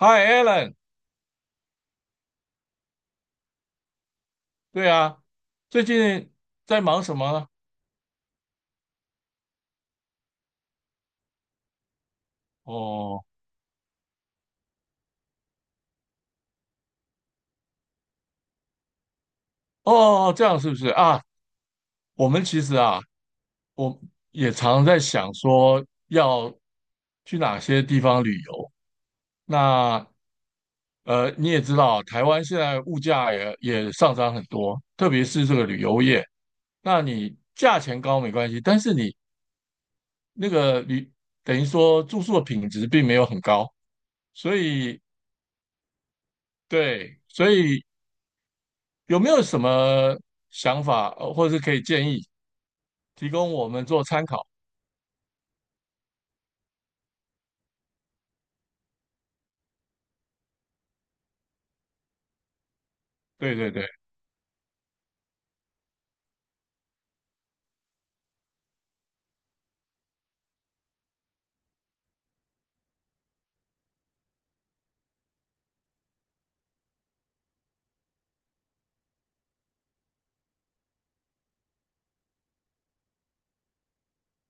Hi Alan，对啊，最近在忙什么呢？哦哦，哦这样是不是啊？我们其实啊，我也常在想说要去哪些地方旅游。那你也知道啊，台湾现在物价也上涨很多，特别是这个旅游业。那你价钱高没关系，但是你那个旅等于说住宿的品质并没有很高，所以对，所以。有没有什么想法，或者是可以建议提供我们做参考？对对对，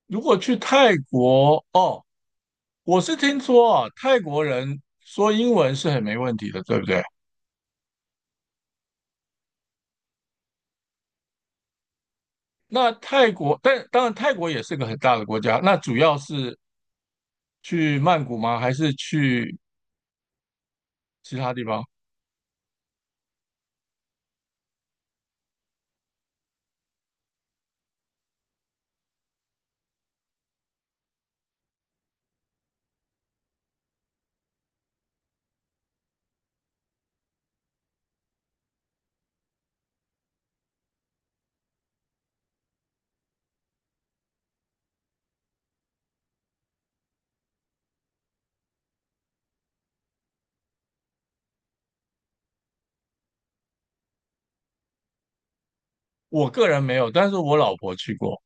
如果去泰国，哦，我是听说啊，泰国人说英文是很没问题的，对不对？那泰国，但当然泰国也是个很大的国家，那主要是去曼谷吗？还是去其他地方？我个人没有，但是我老婆去过，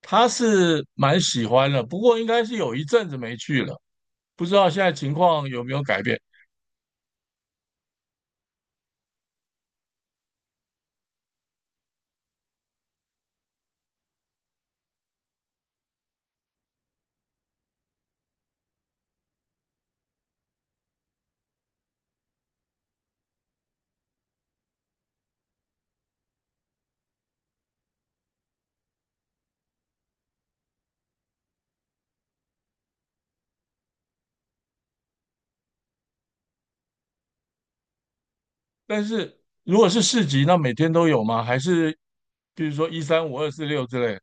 她是蛮喜欢的，不过应该是有一阵子没去了，不知道现在情况有没有改变。但是如果是市集，那每天都有吗？还是比如说1、3、5、2、4、6之类？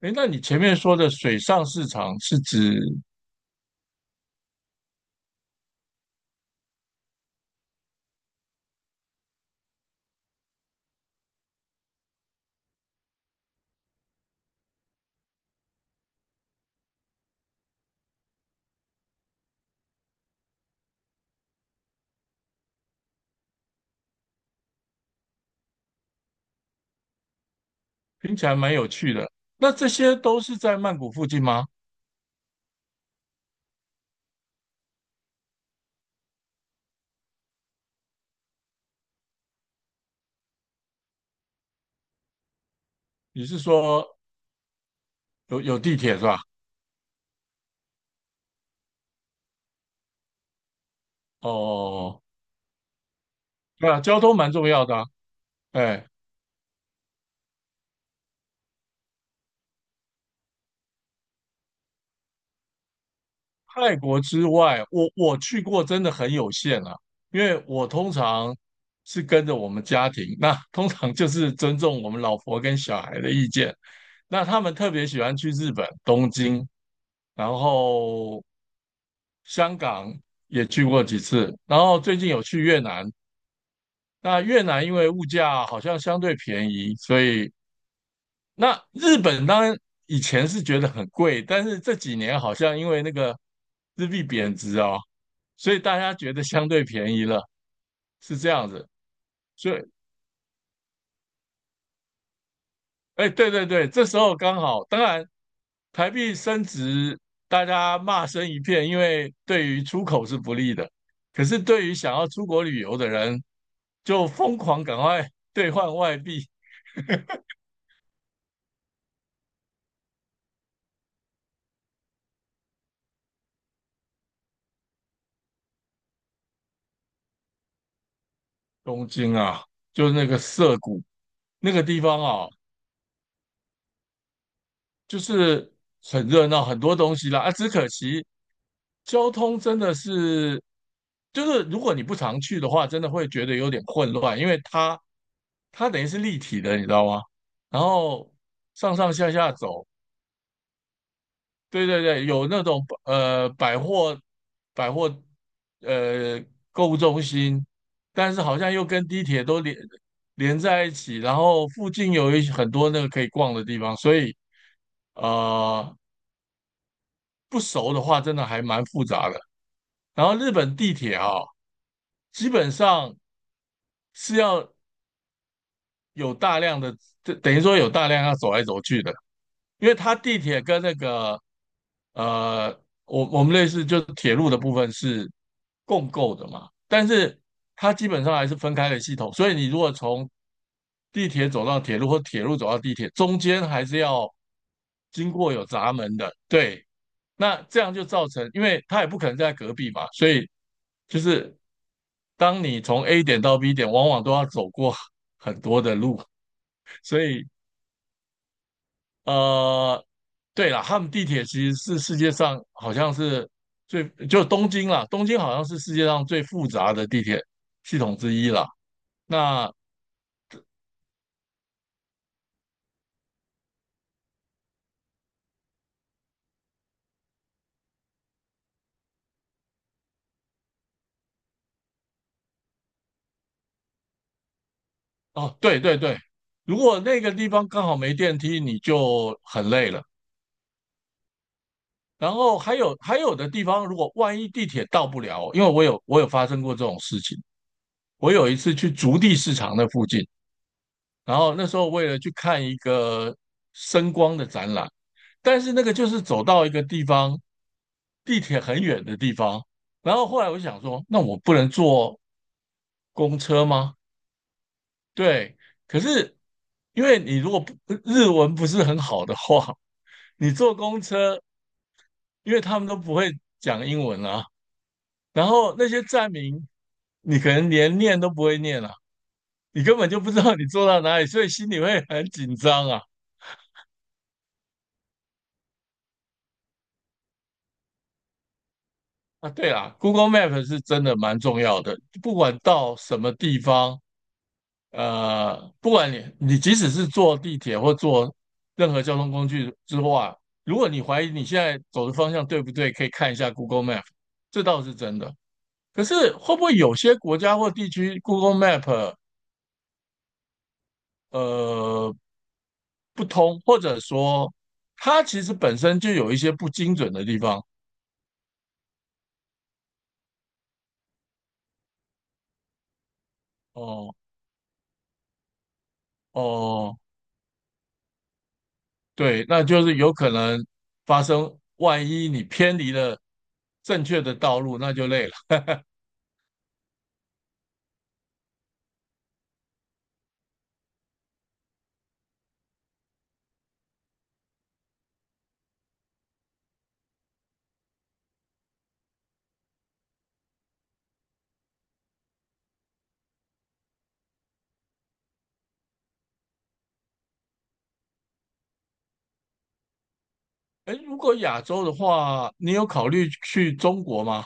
诶，那你前面说的水上市场是指听起来蛮有趣的，那这些都是在曼谷附近吗？你是说有地铁是吧？哦，哦哦对啊，交通蛮重要的啊。哎，泰国之外，我去过真的很有限啊，因为我通常是跟着我们家庭，那通常就是尊重我们老婆跟小孩的意见。那他们特别喜欢去日本东京，然后香港也去过几次，然后最近有去越南。那越南因为物价好像相对便宜，所以那日本当然以前是觉得很贵，但是这几年好像因为那个日币贬值啊，所以大家觉得相对便宜了，是这样子。所以哎，对对对，这时候刚好，当然台币升值，大家骂声一片，因为对于出口是不利的。可是对于想要出国旅游的人，就疯狂赶快兑换外币。东京啊，就是那个涩谷那个地方啊，就是很热闹，很多东西啦。啊，只可惜交通真的是，就是如果你不常去的话，真的会觉得有点混乱，因为它等于是立体的，你知道吗？然后上上下下走，对对对，有那种百货呃购物中心，但是好像又跟地铁都连在一起，然后附近有很多那个可以逛的地方，所以呃不熟的话，真的还蛮复杂的。然后日本地铁啊、基本上是要有大量的，等于说有大量要走来走去的，因为它地铁跟那个呃，我们类似就是铁路的部分是共构的嘛，但是它基本上还是分开的系统，所以你如果从地铁走到铁路或铁路走到地铁，中间还是要经过有闸门的，对，那这样就造成，因为它也不可能在隔壁嘛，所以就是当你从 A 点到 B 点，往往都要走过很多的路，所以呃，对了，他们地铁其实是世界上好像是最，就东京啦，东京好像是世界上最复杂的地铁系统之一啦。那哦，对对对，如果那个地方刚好没电梯，你就很累了。然后还有的地方，如果万一地铁到不了，因为我有发生过这种事情，我有一次去竹地市场那附近。然后那时候为了去看一个声光的展览，但是那个就是走到一个地方，地铁很远的地方。然后后来我就想说，那我不能坐公车吗？对，可是因为你如果不日文不是很好的话，你坐公车，因为他们都不会讲英文啊，然后那些站名你可能连念都不会念啊，你根本就不知道你坐到哪里，所以心里会很紧张啊。啊，对啦，Google Map 是真的蛮重要的，不管到什么地方，不管你即使是坐地铁或坐任何交通工具之外，如果你怀疑你现在走的方向对不对，可以看一下 Google Map,这倒是真的。可是会不会有些国家或地区 Google Map 呃不通，或者说它其实本身就有一些不精准的地方？哦哦，对，那就是有可能发生，万一你偏离了正确的道路，那就累了。哎，如果亚洲的话，你有考虑去中国吗？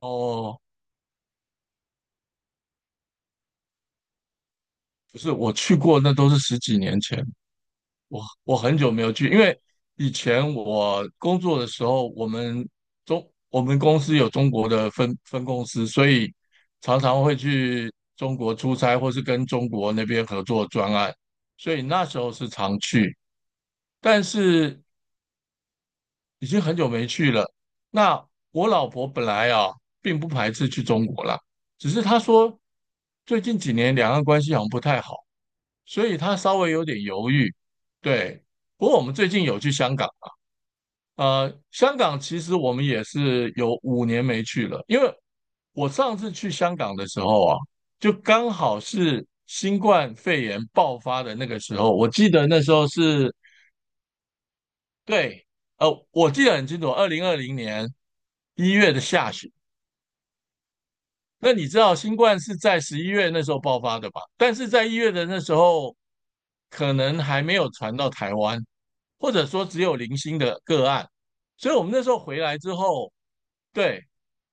哦，不是，我去过，那都是十几年前，我很久没有去，因为以前我工作的时候，我们公司有中国的分公司，所以常常会去中国出差，或是跟中国那边合作专案，所以那时候是常去。但是已经很久没去了。那我老婆本来啊，并不排斥去中国啦，只是她说最近几年两岸关系好像不太好，所以她稍微有点犹豫。对，不过我们最近有去香港，香港其实我们也是有五年没去了，因为我上次去香港的时候啊，就刚好是新冠肺炎爆发的那个时候，我记得那时候是对，我记得很清楚，2020年一月的下旬。那你知道新冠是在11月那时候爆发的吧？但是在一月的那时候，可能还没有传到台湾，或者说只有零星的个案。所以我们那时候回来之后，对，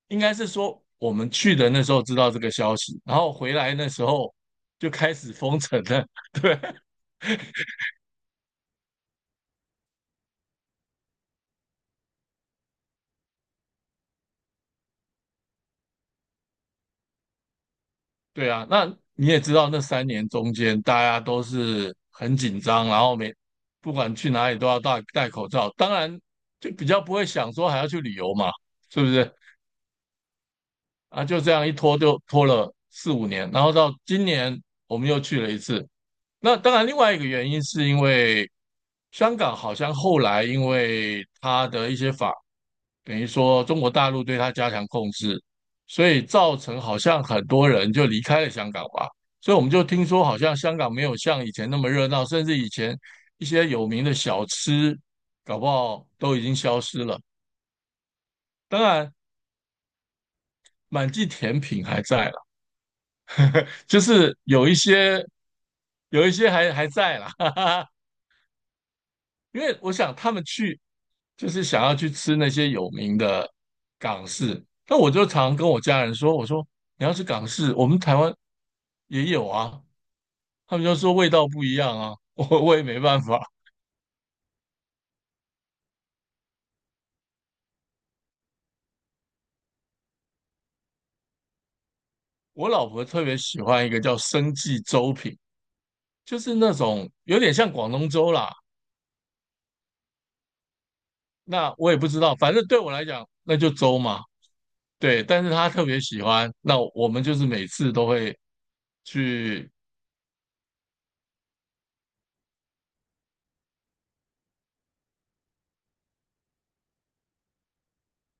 应该是说我们去的那时候知道这个消息，然后回来那时候就开始封城了。对啊，那你也知道，那3年中间大家都是很紧张，然后每不管去哪里都要戴口罩。当然，就比较不会想说还要去旅游嘛，是不是？啊，就这样一拖就拖了4、5年，然后到今年我们又去了一次。那当然，另外一个原因是因为香港好像后来因为它的一些等于说中国大陆对他加强控制，所以造成好像很多人就离开了香港吧。所以我们就听说，好像香港没有像以前那么热闹，甚至以前一些有名的小吃，搞不好都已经消失了。当然，满记甜品还在了，就是有一些还在啦，哈哈哈。因为我想他们去就是想要去吃那些有名的港式，那我就常跟我家人说，我说。你要是港式，我们台湾也有啊，他们就说味道不一样啊，我也没办法。我老婆特别喜欢一个叫生记粥品，就是那种有点像广东粥啦。那我也不知道，反正对我来讲那就粥嘛。对，但是她特别喜欢，那我们就是每次都会去。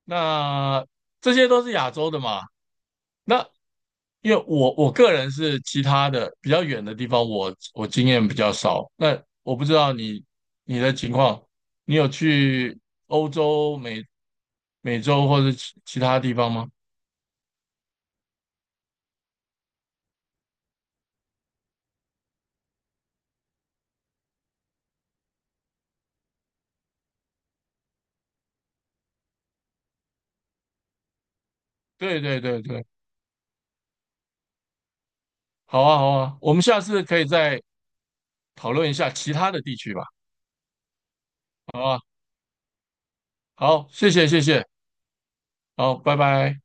那这些都是亚洲的嘛，那因为我个人是其他的比较远的地方我经验比较少。那我不知道你的情况，你有去欧洲、美洲或者其他地方吗？对对对对，好啊好啊，我们下次可以再讨论一下其他的地区吧。好啊，好，谢谢谢谢，好，拜拜。